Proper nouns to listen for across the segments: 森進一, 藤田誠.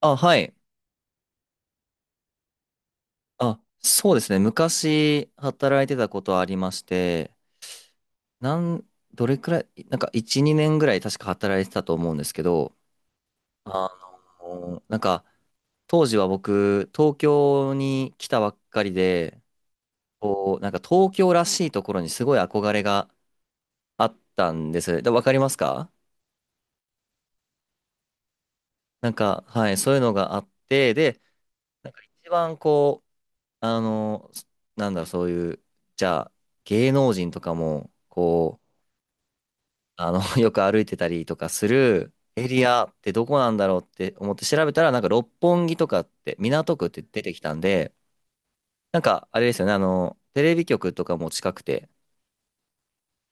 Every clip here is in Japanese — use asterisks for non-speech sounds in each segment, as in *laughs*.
あ、はい。あ、そうですね。昔働いてたことはありまして、なん、どれくらい、なんか1、2年ぐらい確か働いてたと思うんですけど、あなんか当時は僕、東京に来たばっかりで、こう、なんか東京らしいところにすごい憧れがあったんです。で、わかりますか？なんか、はい、そういうのがあって、で、なんか一番こう、あの、なんだろう、そういう、じゃあ、芸能人とかも、こう、*laughs* よく歩いてたりとかするエリアってどこなんだろうって思って調べたら、なんか六本木とかって、港区って出てきたんで、なんかあれですよね、テレビ局とかも近くて、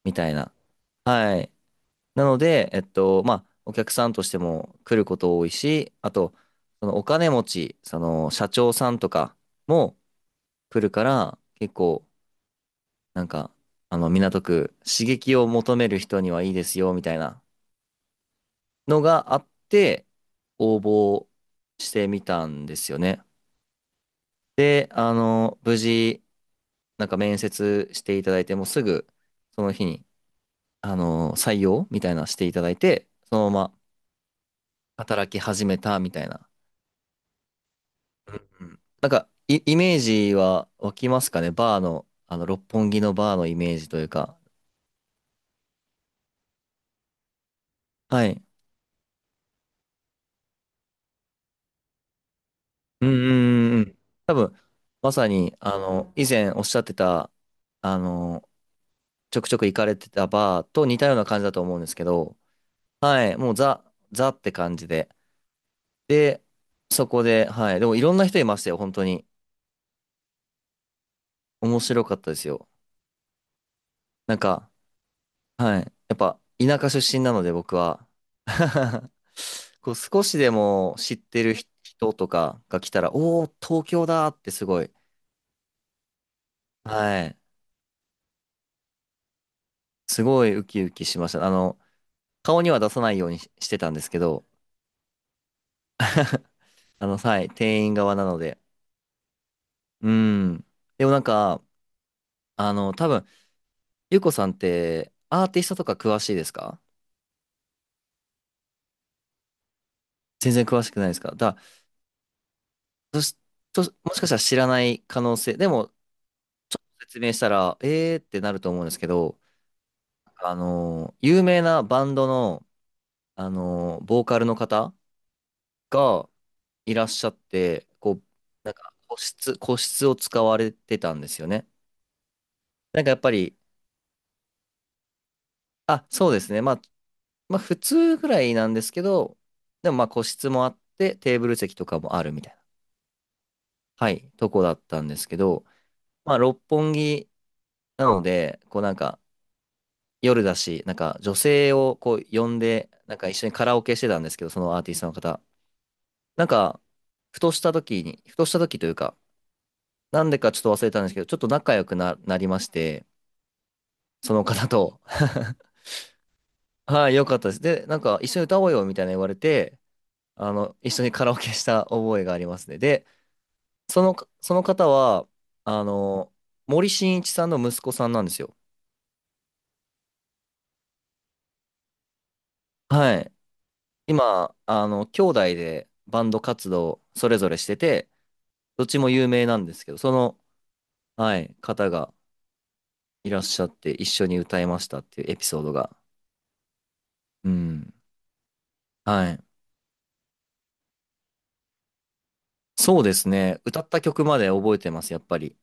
みたいな。はい。なので、まあ、お客さんとしても来ること多いし、あと、そのお金持ち、その社長さんとかも来るから、結構、なんか、港区、刺激を求める人にはいいですよ、みたいな。のがあって、応募してみたんですよね。で、無事、なんか面接していただいて、もうすぐ、その日に、採用みたいなのしていただいて、そのまま働き始めたみたいな。うんうん、なんか、イメージは湧きますかね、バーの、六本木のバーのイメージというか。はい。うんうんうんうん。多分、まさに、以前おっしゃってた、あの、ちょくちょく行かれてたバーと似たような感じだと思うんですけど、はい、もうザって感じで。で、そこで、はい、でもいろんな人いましたよ、本当に。面白かったですよ。なんか、はい、やっぱ田舎出身なので僕は。*laughs* こう少しでも知ってる人とかが来たら、おー、東京だってすごい、はい、すごいウキウキしました。顔には出さないようにししてたんですけど、はい、店員側なので。うん。でもなんか、多分、ゆうこさんってアーティストとか詳しいですか？全然詳しくないですか？だから、もしかしたら知らない可能性、でも説明したら、えーってなると思うんですけど、有名なバンドの、ボーカルの方がいらっしゃって、こう、なんか個室を使われてたんですよね。なんかやっぱり、あ、そうですね。まあ普通ぐらいなんですけど、でもまあ個室もあって、テーブル席とかもあるみたいな、はい、とこだったんですけど、まあ、六本木なので、こうなんか夜だし、なんか女性をこう呼んで、なんか一緒にカラオケしてたんですけど、そのアーティストの方。なんか、ふとした時に、ふとした時というか、なんでかちょっと忘れたんですけど、ちょっと仲良くなりまして、その方と、*laughs* はい、良かったです。で、なんか一緒に歌おうよみたいな言われて、一緒にカラオケした覚えがありますね。で、その、その方は、あの、森進一さんの息子さんなんですよ。はい。今、兄弟でバンド活動それぞれしてて、どっちも有名なんですけど、その、はい、方がいらっしゃって一緒に歌いましたっていうエピソードが。うん。はい。そうですね。歌った曲まで覚えてます、やっぱり。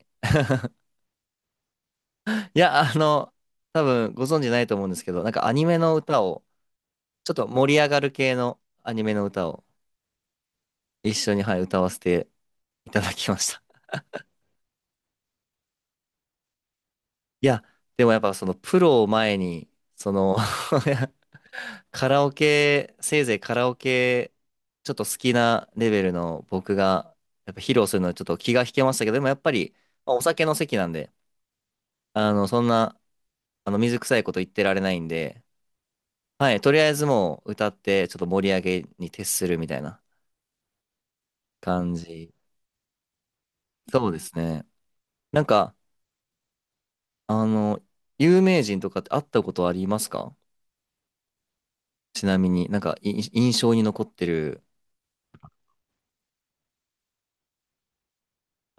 いや、多分ご存知ないと思うんですけど、なんかアニメの歌を、ちょっと盛り上がる系のアニメの歌を一緒に、はい、歌わせていただきました。いや、でもやっぱそのプロを前に、その *laughs* カラオケ、せいぜいカラオケ、ちょっと好きなレベルの僕が、やっぱ披露するのはちょっと気が引けましたけど、でもやっぱり、まあお酒の席なんで、そんな、水臭いこと言ってられないんで、はい、とりあえずもう歌って、ちょっと盛り上げに徹するみたいな感じ。そうですね。なんか、あの、有名人とかって会ったことありますか？ちなみになんか、印象に残ってる。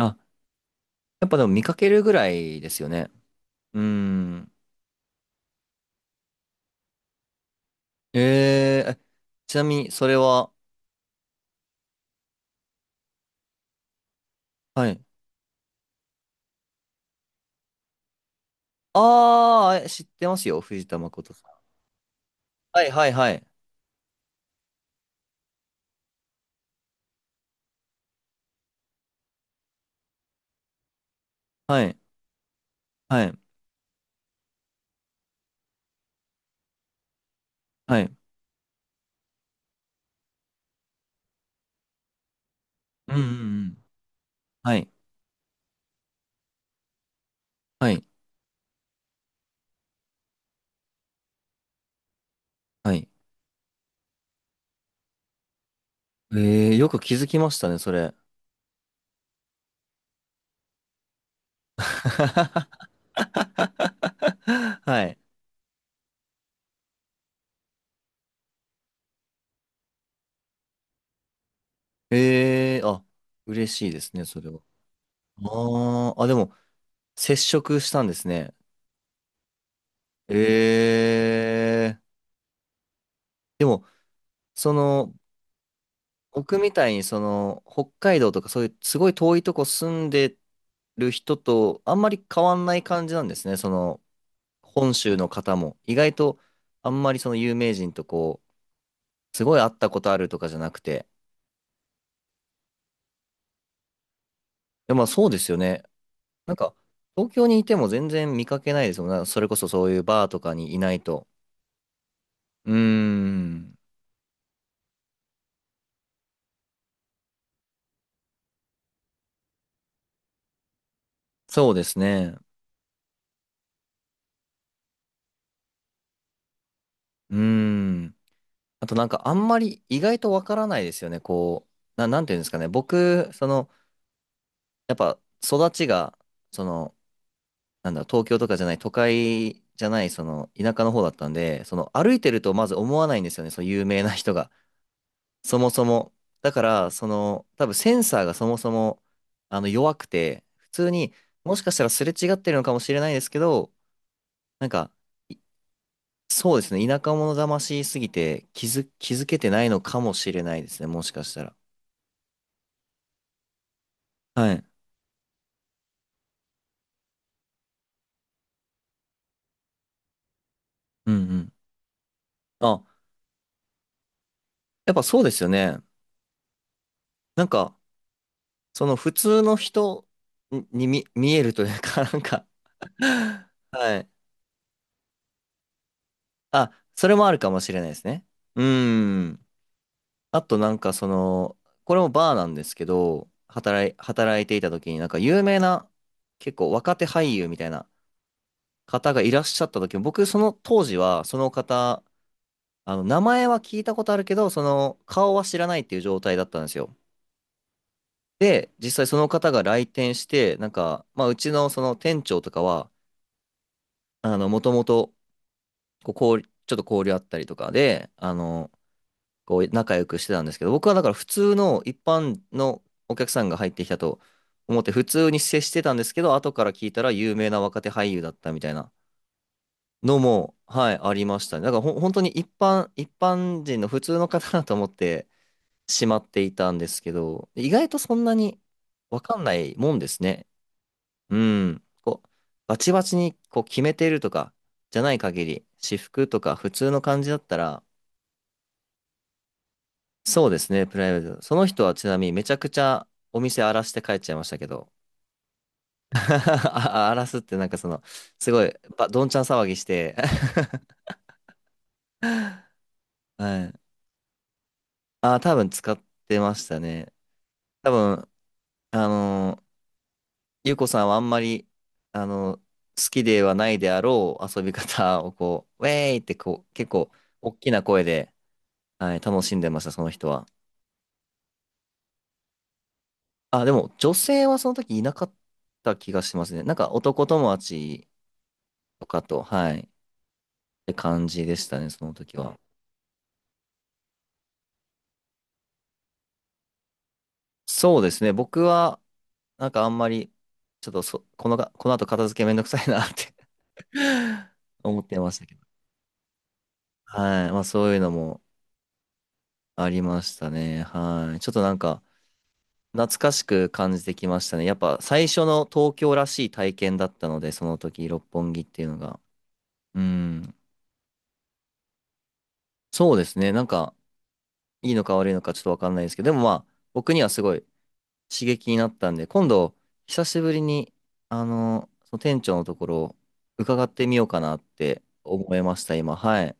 あ、やっぱでも見かけるぐらいですよね。うーん。えええちなみに、それは、はい。ああ、知ってますよ、藤田誠さん。はい、はい、はい。はい、はい、はい。うん、うん、うん。はい、はい、はい。ええ、よく気づきましたね、それ。*laughs* はい。ええ、あ、嬉しいですね、それは。ああ、あ、でも、接触したんですね。ええ、でも、その、僕みたいにその北海道とかそういうすごい遠いとこ住んでる人とあんまり変わんない感じなんですね。その本州の方も意外とあんまりその有名人とこうすごい会ったことあるとかじゃなくて。でもまあそうですよね。なんか東京にいても全然見かけないですもんね。それこそそういうバーとかにいないと。うーん。そうですね。うーん。あとなんかあんまり意外とわからないですよね。こう、なんていうんですかね。僕、そのやっぱ育ちが、その、なんだろう、東京とかじゃない、都会じゃない、その、田舎の方だったんで、その、歩いてるとまず思わないんですよね、その有名な人が。そもそも。だから、その、多分センサーがそもそも、弱くて、普通に、もしかしたらすれ違ってるのかもしれないですけど、なんか、いそうですね、田舎者魂すぎて、気づけてないのかもしれないですね、もしかしたら。はい。うんうん。あ、やっぱそうですよね。なんか、その普通の人に見えるというか、*laughs* なんか *laughs* はい。あ、それもあるかもしれないですね。うん。あとなんかその、これもバーなんですけど、働いていた時になんか有名な、結構若手俳優みたいな方がいらっしゃった時も、僕その当時はその方、名前は聞いたことあるけど、その顔は知らないっていう状態だったんですよ。で、実際その方が来店して、なんか、まあうちのその店長とかは、もともとこうちょっと交流あったりとかで、こう仲良くしてたんですけど、僕はだから普通の一般のお客さんが入ってきたと思って普通に接してたんですけど、後から聞いたら有名な若手俳優だったみたいなのも、はい、ありましたね。だから本当に一般人の普通の方だと思ってしまっていたんですけど、意外とそんなにわかんないもんですね。うん。こう、バチバチにこう決めてるとかじゃない限り、私服とか普通の感じだったら、そうですね、プライベート。その人はちなみにめちゃくちゃお店荒らして帰っちゃいましたけど。*laughs* あ、荒らすってなんかその、すごい、どんちゃん騒ぎして *laughs* はい。あ、多分使ってましたね。多分、あのー、ゆうこさんはあんまり、あのー、好きではないであろう遊び方をこう、ウェーイってこう、結構、大きな声で、はい、楽しんでました、その人は。あ、でも、女性はその時いなかった気がしますね。なんか、男友達とかと、はい。て感じでしたね、その時は。そうですね、僕は、なんかあんまり、ちょっとこの後片付けめんどくさいなって *laughs* 思ってましたけど。はい。まあそういうのもありましたね。はい。ちょっとなんか、懐かしく感じてきましたね。やっぱ最初の東京らしい体験だったので、その時、六本木っていうのが。うん。そうですね。なんか、いいのか悪いのかちょっとわかんないですけど、でもまあ、僕にはすごい刺激になったんで、今度、久しぶりに、その店長のところ、伺ってみようかなって思いました、今。はい。